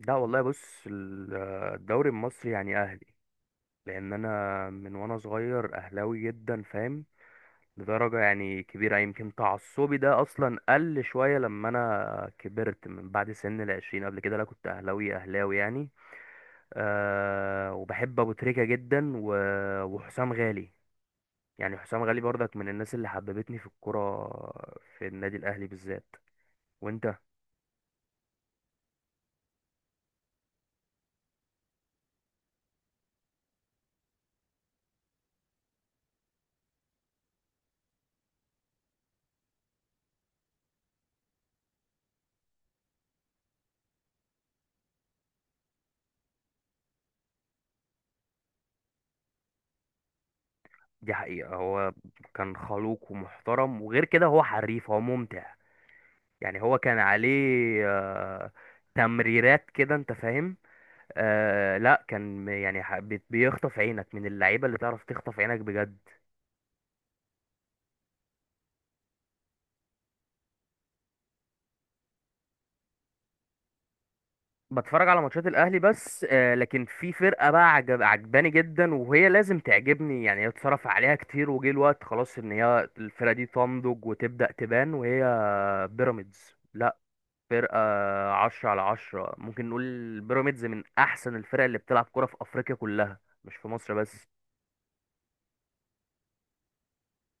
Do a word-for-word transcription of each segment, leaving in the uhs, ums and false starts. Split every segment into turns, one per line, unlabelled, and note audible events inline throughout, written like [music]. لا والله، بص، ال- آه، الدوري المصري يعني اهلي. لان انا من وانا صغير اهلاوي جدا، فاهم؟ لدرجه يعني كبيره، يمكن تعصبي ده اصلا قل شويه لما انا كبرت من بعد سن العشرين. قبل كده لا، كنت اهلاوي اهلاوي يعني. أه، وبحب ابو تريكه جدا و- وحسام غالي. يعني حسام غالي برضك من الناس اللي حببتني في الكوره، في النادي الاهلي بالذات. وانت؟ دي حقيقه. هو كان خلوق ومحترم، وغير كده هو حريف، هو ممتع. يعني هو كان عليه آه، تمريرات كده، انت فاهم؟ آه لا، كان يعني ح- بي- بيخطف عينك، من اللعيبه اللي تعرف تخطف عينك بجد. بتفرج على ماتشات الاهلي بس. آه لكن في فرقه بقى عجب عجباني جدا، وهي لازم تعجبني، يعني اتصرف عليها كتير وجه الوقت خلاص ان هي الفرقه دي تنضج وتبدا تبان. وهي بيراميدز، لا فرقه عشرة على عشرة، ممكن نقول بيراميدز من احسن الفرق اللي بتلعب كرة في افريقيا كلها، مش في مصر بس.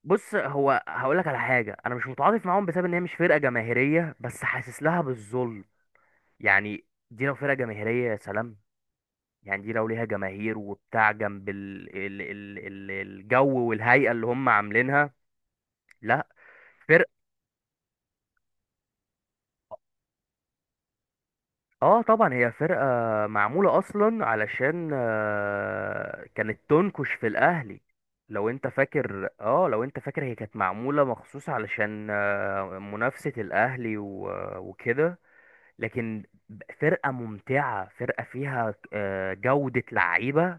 بص، هو هقول لك على حاجه. انا مش متعاطف معاهم بسبب ان هي مش فرقه جماهيريه، بس حاسس لها بالظلم. يعني دي لو فرقه جماهيريه، يا سلام. يعني دي لو ليها جماهير وبتاع جنب ال... ال... ال... ال... الجو والهيئه اللي هم عاملينها. لا، فرقه. اه طبعا، هي فرقه معموله اصلا علشان آه، كانت تنكش في الاهلي. لو انت فاكر، اه لو انت فاكر هي كانت معموله مخصوص علشان آه، منافسه الاهلي و... وكده. لكن فرقة ممتعة، فرقة فيها آه، جودة لعيبة،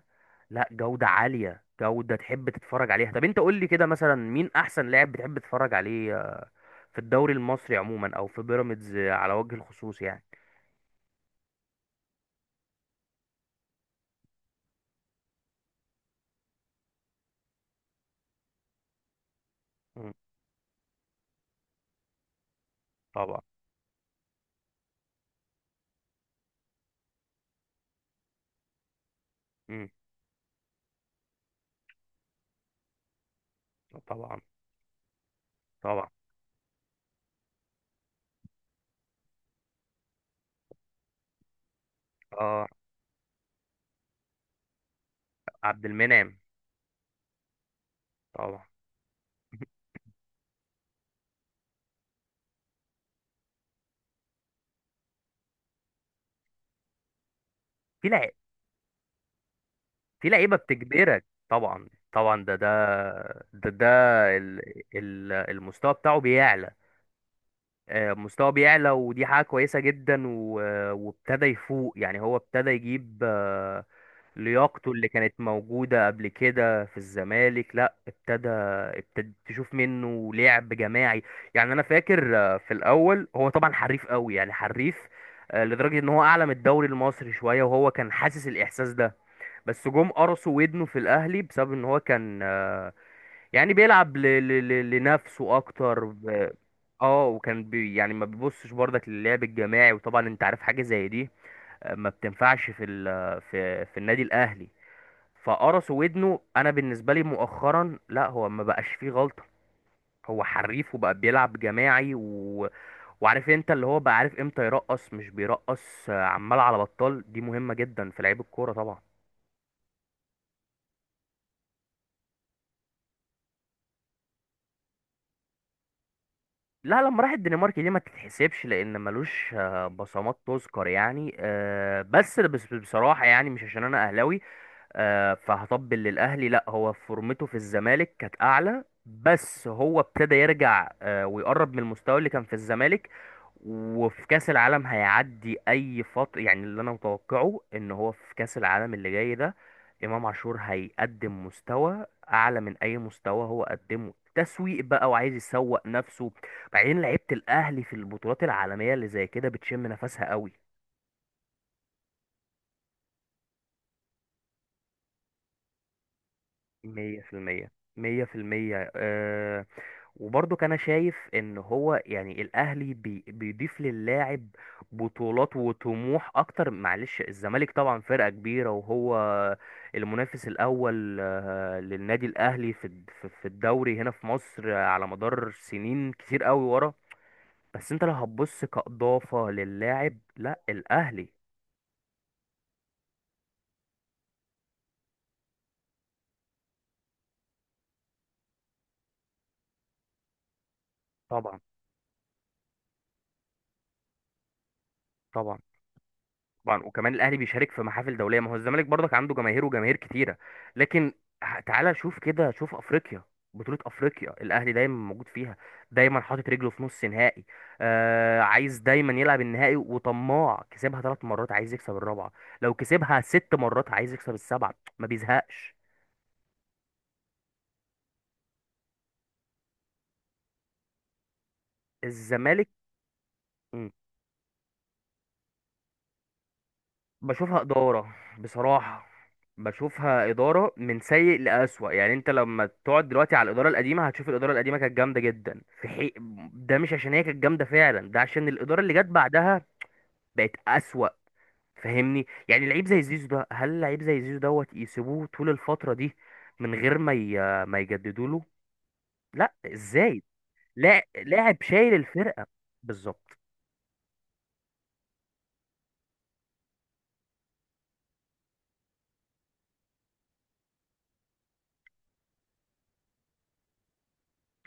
لا جودة عالية، جودة تحب تتفرج عليها. طب انت قول لي كده مثلا، مين احسن لاعب بتحب تتفرج عليه آه، في الدوري المصري عموما، او في بيراميدز آه، على وجه الخصوص يعني؟ مم، طبعا. مم، طبعا طبعا. اه، عبد المنعم. طبعا. [laughs] في لع... في لعيبة بتجبرك، طبعا طبعا. ده ده ده ده ال... ال... المستوى بتاعه بيعلى. آه، مستواه بيعلى، ودي حاجة كويسة جدا، و- آه، وابتدى يفوق. يعني هو ابتدى يجيب آه، لياقته اللي كانت موجودة قبل كده في الزمالك. لا، ابتدى ابتدى تشوف منه لعب جماعي. يعني انا فاكر آه، في الاول هو طبعا حريف قوي، يعني حريف آه، لدرجة ان هو اعلى من الدوري المصري شوية، وهو كان حاسس الاحساس ده. بس جم قرصوا ودنه في الاهلي بسبب ان هو كان آه، يعني بيلعب ل... ل... ل... لنفسه اكتر. اه، وكان بي يعني ما بيبصش برضك للعب الجماعي، وطبعا انت عارف حاجه زي دي. آه، ما بتنفعش في ال في في النادي الاهلي. فقرص ودنه. انا بالنسبه لي مؤخرا، لا، هو ما بقاش فيه غلطه. هو حريف وبقى بيلعب جماعي و... وعارف انت، اللي هو بقى عارف امتى يرقص، مش بيرقص آه، عمال على بطال. دي مهمه جدا في لعيب الكوره طبعا. لا، لما راح الدنمارك دي ما تتحسبش، لان ملوش آه، بصمات تذكر يعني. آه، بس بس بصراحه، يعني مش عشان انا اهلاوي آه، فهطبل للاهلي. لا، هو فورمته في الزمالك كانت اعلى، بس هو ابتدى يرجع آه، ويقرب من المستوى اللي كان في الزمالك. وفي كاس العالم هيعدي اي فتره. يعني اللي انا متوقعه ان هو في كاس العالم اللي جاي ده، امام عاشور هيقدم مستوى اعلى من اي مستوى هو قدمه. تسويق بقى، وعايز يسوق نفسه. بعدين لعيبه الاهلي في البطولات العالميه اللي زي كده بتشم نفسها قوي. مية في المية. مية في المية. وبرضك انا شايف ان هو يعني الاهلي بي بيضيف للاعب بطولات وطموح اكتر. معلش، الزمالك طبعا فرقة كبيرة، وهو المنافس الاول آه، للنادي الاهلي في الد- في في الدوري هنا في مصر آه، على مدار سنين كتير قوي ورا. بس انت لو هتبص كإضافة للاعب، لا الاهلي. طبعا. طبعا. طبعا. وكمان الاهلي بيشارك في محافل دوليه، ما هو الزمالك برضك عنده جماهير وجماهير كتيره، لكن ه- تعالى شوف كده، شوف افريقيا. بطوله افريقيا الاهلي دايما موجود فيها، دايما حاطط رجله في نص نهائي. آه عايز دايما يلعب النهائي، وطماع. كسبها ثلاث مرات، عايز يكسب الرابعه. لو كسبها ست مرات، عايز يكسب السبعه، ما بيزهقش. الزمالك، بشوفها إدارة بصراحة. بشوفها إدارة من سيء لأسوأ. يعني أنت لما تقعد دلوقتي على الإدارة القديمة، هتشوف الإدارة القديمة كانت جامدة جدا في حي... ده مش عشان هي كانت جامدة فعلا، ده عشان الإدارة اللي جت بعدها بقت أسوأ. فاهمني؟ يعني لعيب زي زيزو ده، هل لعيب زي زيزو دوت يسيبوه طول الفترة دي من غير ما ي... ما يجددوا له؟ لا، ازاي؟ لا، لاعب شايل الفرقة. بالظبط.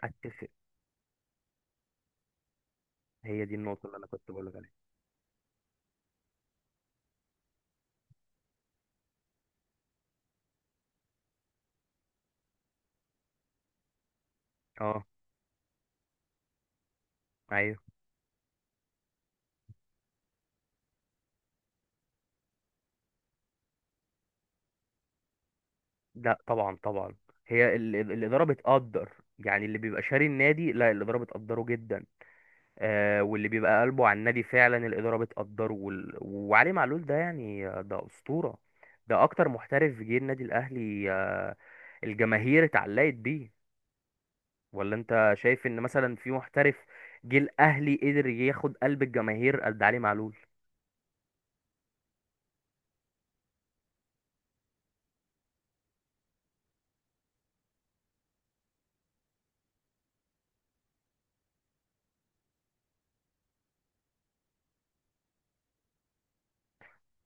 اتفق. هي دي النقطة اللي انا كنت بقول لك عليها. اه. ايوه. لا طبعا. طبعا، هي ال- ال- الإدارة بتقدر. يعني اللي بيبقى شاري النادي، لا، الإدارة بتقدره جدا. آه واللي بيبقى قلبه على النادي فعلا، الإدارة بتقدره وال... وعلي معلول ده، يعني آه، ده أسطورة. ده أكتر محترف جه النادي الأهلي، آه الجماهير اتعلقت بيه. ولا أنت شايف إن مثلا في محترف جه الأهلي قدر ياخد قلب الجماهير قد علي معلول؟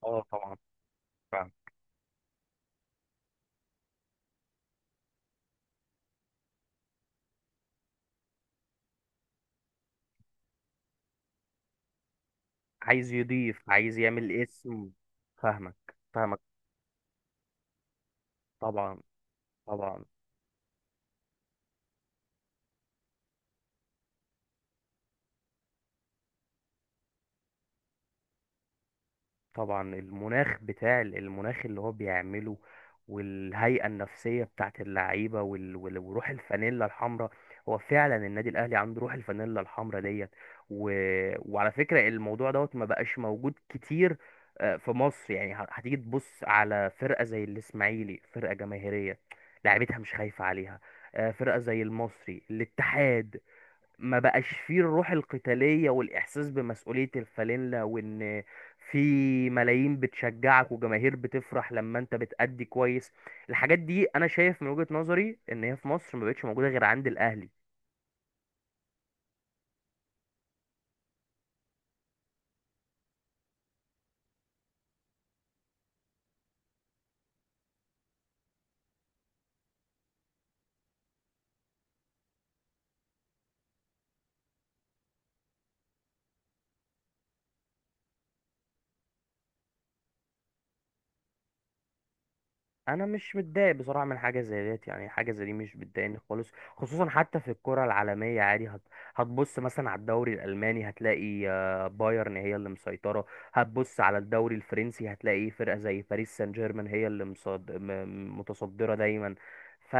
اه طبعا. فاهم. عايز يضيف، عايز يعمل اسم. فاهمك. فاهمك. طبعا. طبعا. طبعا. المناخ بتاع المناخ اللي هو بيعمله، والهيئة النفسية بتاعت اللعيبة، وال- وال- وروح الفانيلا الحمراء. هو فعلا النادي الأهلي عنده روح الفانيلا الحمراء ديت. و... وعلى فكرة الموضوع دوت ما بقاش موجود كتير آه، في مصر. يعني ه- هتيجي تبص على فرقة زي الإسماعيلي، فرقة جماهيرية، لعيبتها مش خايفة عليها. آه، فرقة زي المصري الاتحاد، ما بقاش فيه الروح القتالية والإحساس بمسؤولية الفانلة، وإن في ملايين بتشجعك، وجماهير بتفرح لما أنت بتأدي كويس. الحاجات دي أنا شايف من وجهة نظري إن هي في مصر ما بقتش موجودة غير عند الأهلي. انا مش متضايق بصراحه من حاجه زي ديت، يعني حاجه زي دي مش بتضايقني خالص. خصوصا حتى في الكره العالميه عادي، هت... هتبص مثلا على الدوري الالماني، هتلاقي آه، بايرن هي اللي مسيطره. هتبص على الدوري الفرنسي، هتلاقي فرقه زي باريس سان جيرمان هي اللي مصد... م... م- متصدره دايما. ف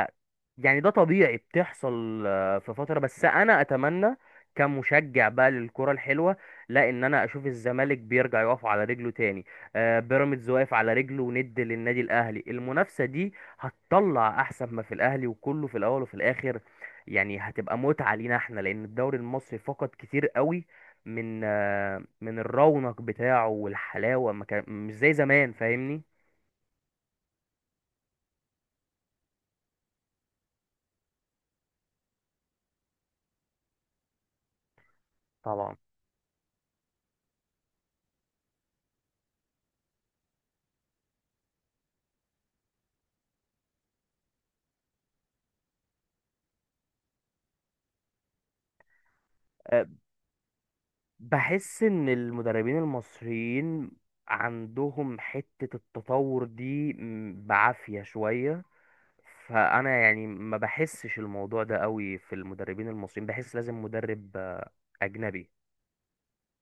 يعني ده طبيعي، بتحصل آه، في فتره. بس انا اتمنى كمشجع بقى للكره الحلوه، لا، ان انا اشوف الزمالك بيرجع يقف على رجله تاني. آه، بيراميدز واقف على رجله، وند للنادي الاهلي. المنافسه دي هتطلع احسن ما في الاهلي، وكله في الاول وفي الاخر. يعني هتبقى متعه لينا احنا، لان الدوري المصري فقد كتير قوي من آه، من الرونق بتاعه والحلاوه، ما كان مش زي زمان. فاهمني؟ طبعا. آه، بحس ان المدربين المصريين عندهم حته التطور دي م، بعافيه شويه. فانا يعني ما بحسش الموضوع ده قوي في المدربين المصريين. بحس لازم مدرب آه، اجنبي.